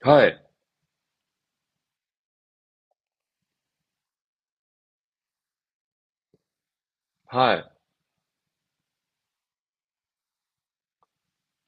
はい。はい。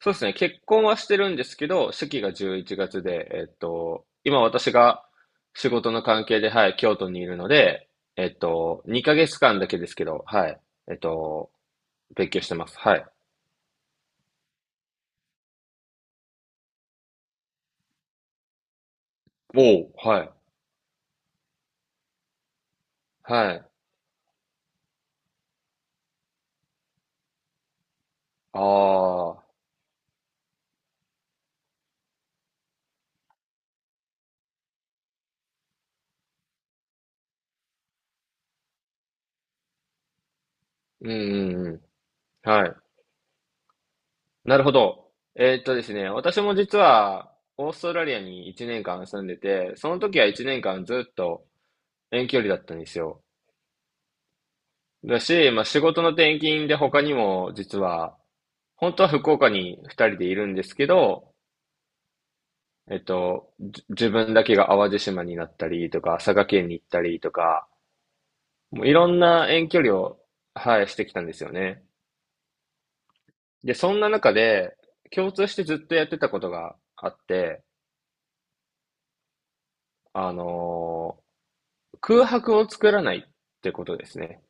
そうですね。結婚はしてるんですけど、式が11月で、今私が仕事の関係で、はい、京都にいるので、2ヶ月間だけですけど、はい。えっと、勉強してます。はい。おお、はい。はい。ああ、うんうんうん。はい。なるほど。ですね、私も実は、オーストラリアに1年間住んでて、その時は1年間ずっと遠距離だったんですよ。だし、まあ、仕事の転勤で他にも実は、本当は福岡に二人でいるんですけど、自分だけが淡路島になったりとか、佐賀県に行ったりとか、もういろんな遠距離を、はい、してきたんですよね。で、そんな中で、共通してずっとやってたことがあって、あのー空白を作らないってことですね。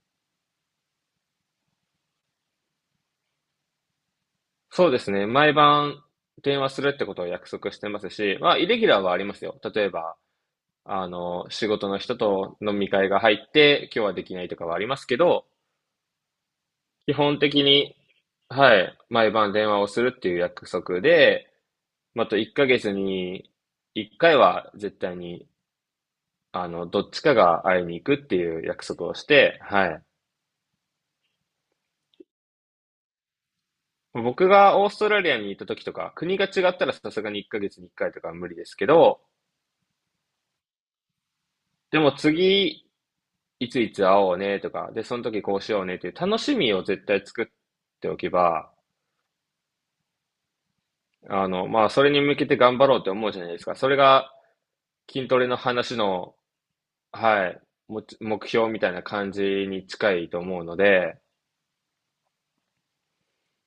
そうですね。毎晩電話するってことを約束してますし、まあ、イレギュラーはありますよ。例えば、あの、仕事の人と飲み会が入って、今日はできないとかはありますけど、基本的に、はい、毎晩電話をするっていう約束で、また1ヶ月に1回は絶対に、あの、どっちかが会いに行くっていう約束をして、はい。僕がオーストラリアに行った時とか、国が違ったらさすがに1ヶ月に1回とかは無理ですけど、でも次、いついつ会おうねとか、で、その時こうしようねっていう楽しみを絶対作っておけば、あの、まあ、それに向けて頑張ろうって思うじゃないですか。それが筋トレの話の、はい、目標みたいな感じに近いと思うので、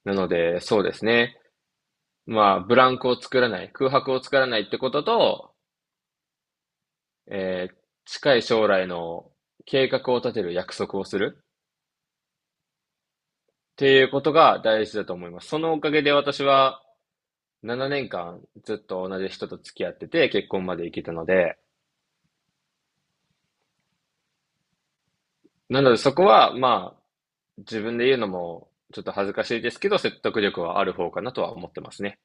なので、そうですね。まあ、ブランクを作らない、空白を作らないってことと、えー近い将来の計画を立てる約束をするっていうことが大事だと思います。そのおかげで私は7年間ずっと同じ人と付き合ってて結婚まで行けたので、なのでそこは、まあ、自分で言うのもちょっと恥ずかしいですけど、説得力はある方かなとは思ってますね。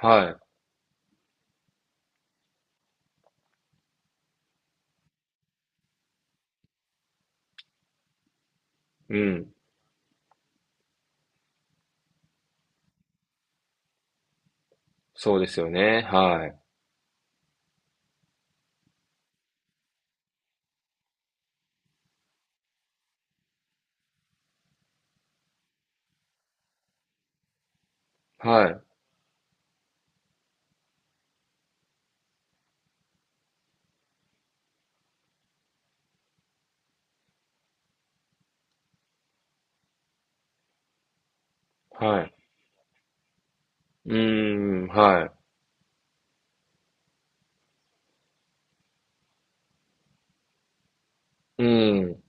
はい。うん。そうですよね。はい。はい。はい。うーん、はい。うーん。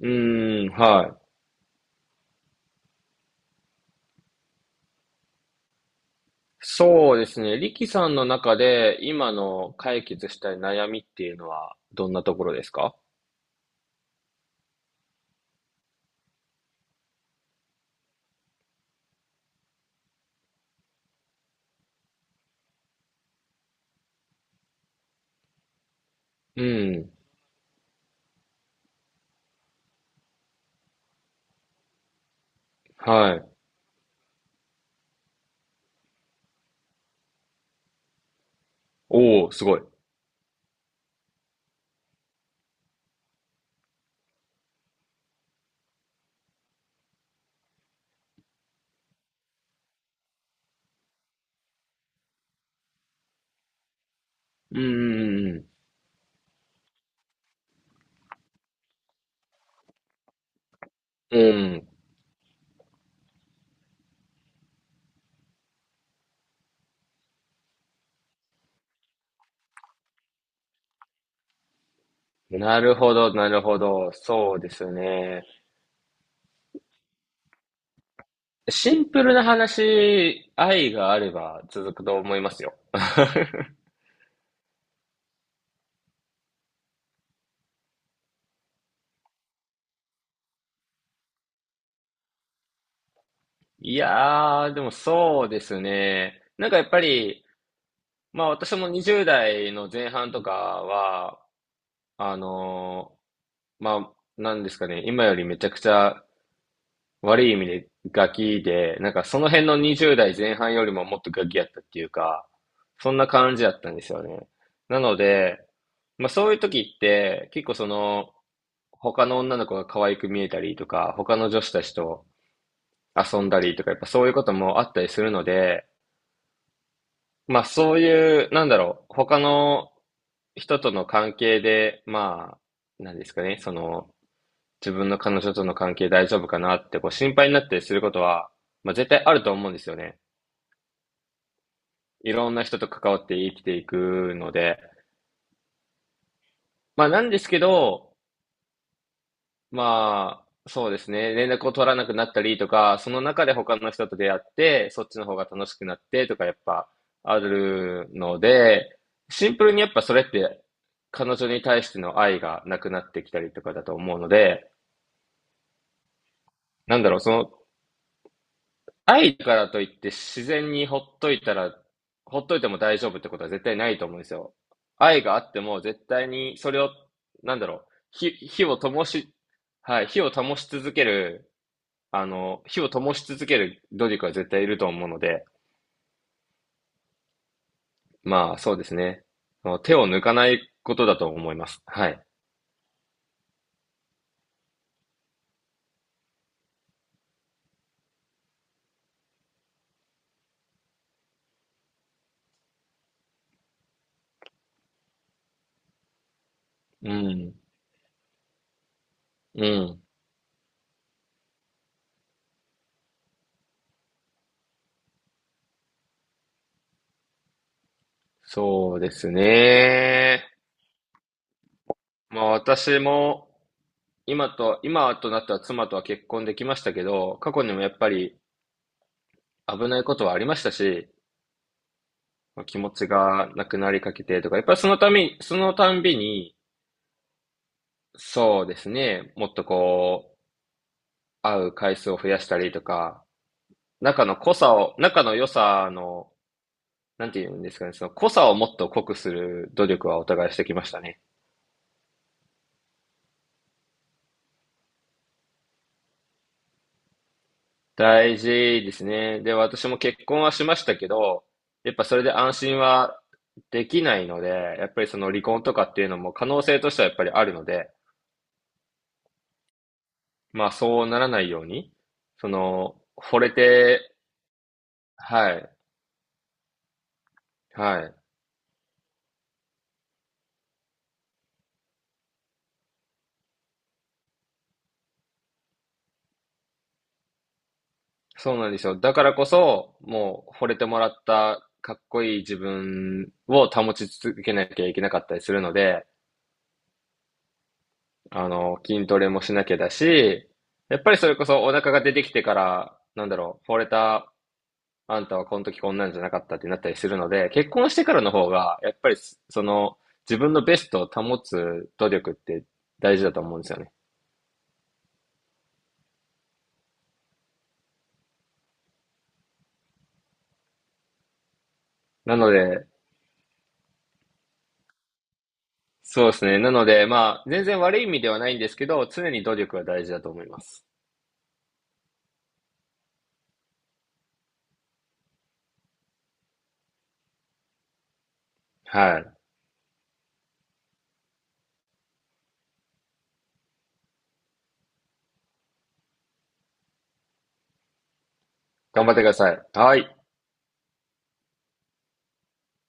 うーん、はい。そうですね。リキさんの中で今の解決したい悩みっていうのはどんなところですか？うん。はい。おお、すごい。うんうんうんうん。うん。なるほど、なるほど。そうですね。シンプルな話、愛があれば続くと思いますよ。いやー、でもそうですね。なんかやっぱり、まあ私も20代の前半とかは、あのまあ、なんですかね、今よりめちゃくちゃ悪い意味でガキで、なんかその辺の20代前半よりももっとガキやったっていうか、そんな感じだったんですよね。なので、まあそういう時って、結構その、他の女の子が可愛く見えたりとか、他の女子たちと遊んだりとか、やっぱそういうこともあったりするので、まあそういう、なんだろう、他の人との関係で、まあ、なんですかね、その、自分の彼女との関係大丈夫かなってこう心配になったりすることは、まあ絶対あると思うんですよね。いろんな人と関わって生きていくので。まあなんですけど、まあ、そうですね。連絡を取らなくなったりとか、その中で他の人と出会って、そっちの方が楽しくなってとか、やっぱあるので、シンプルにやっぱそれって、彼女に対しての愛がなくなってきたりとかだと思うので、なんだろう、その、愛だからといって自然にほっといたら、ほっといても大丈夫ってことは絶対ないと思うんですよ。愛があっても絶対にそれを、なんだろう、火を灯し、はい、火を灯し続けるあの、火を灯し続ける努力は絶対いると思うので、まあ、そうですね。もう手を抜かないことだと思います。はい。うん。うん。そうですね。まあ、私も、今となった妻とは結婚できましたけど、過去にもやっぱり危ないことはありましたし、まあ気持ちがなくなりかけてとか、やっぱりそのため、そのたんびに、そうですね、もっとこう、会う回数を増やしたりとか、仲の良さの、なんて言うんですかね、その濃さをもっと濃くする努力はお互いしてきましたね。大事ですね。で、私も結婚はしましたけど、やっぱそれで安心はできないので、やっぱりその離婚とかっていうのも可能性としてはやっぱりあるので、まあそうならないように、その、惚れて、はい、はい。そうなんですよ。だからこそ、もう惚れてもらったかっこいい自分を保ち続けなきゃいけなかったりするので、あの、筋トレもしなきゃだし、やっぱりそれこそお腹が出てきてから、なんだろう、惚れたあんたはこの時こんなんじゃなかったってなったりするので、結婚してからの方が、やっぱりその自分のベストを保つ努力って大事だと思うんですよね。なので、そうですね。なので、まあ、全然悪い意味ではないんですけど、常に努力は大事だと思います。はい。頑張ってください。はい。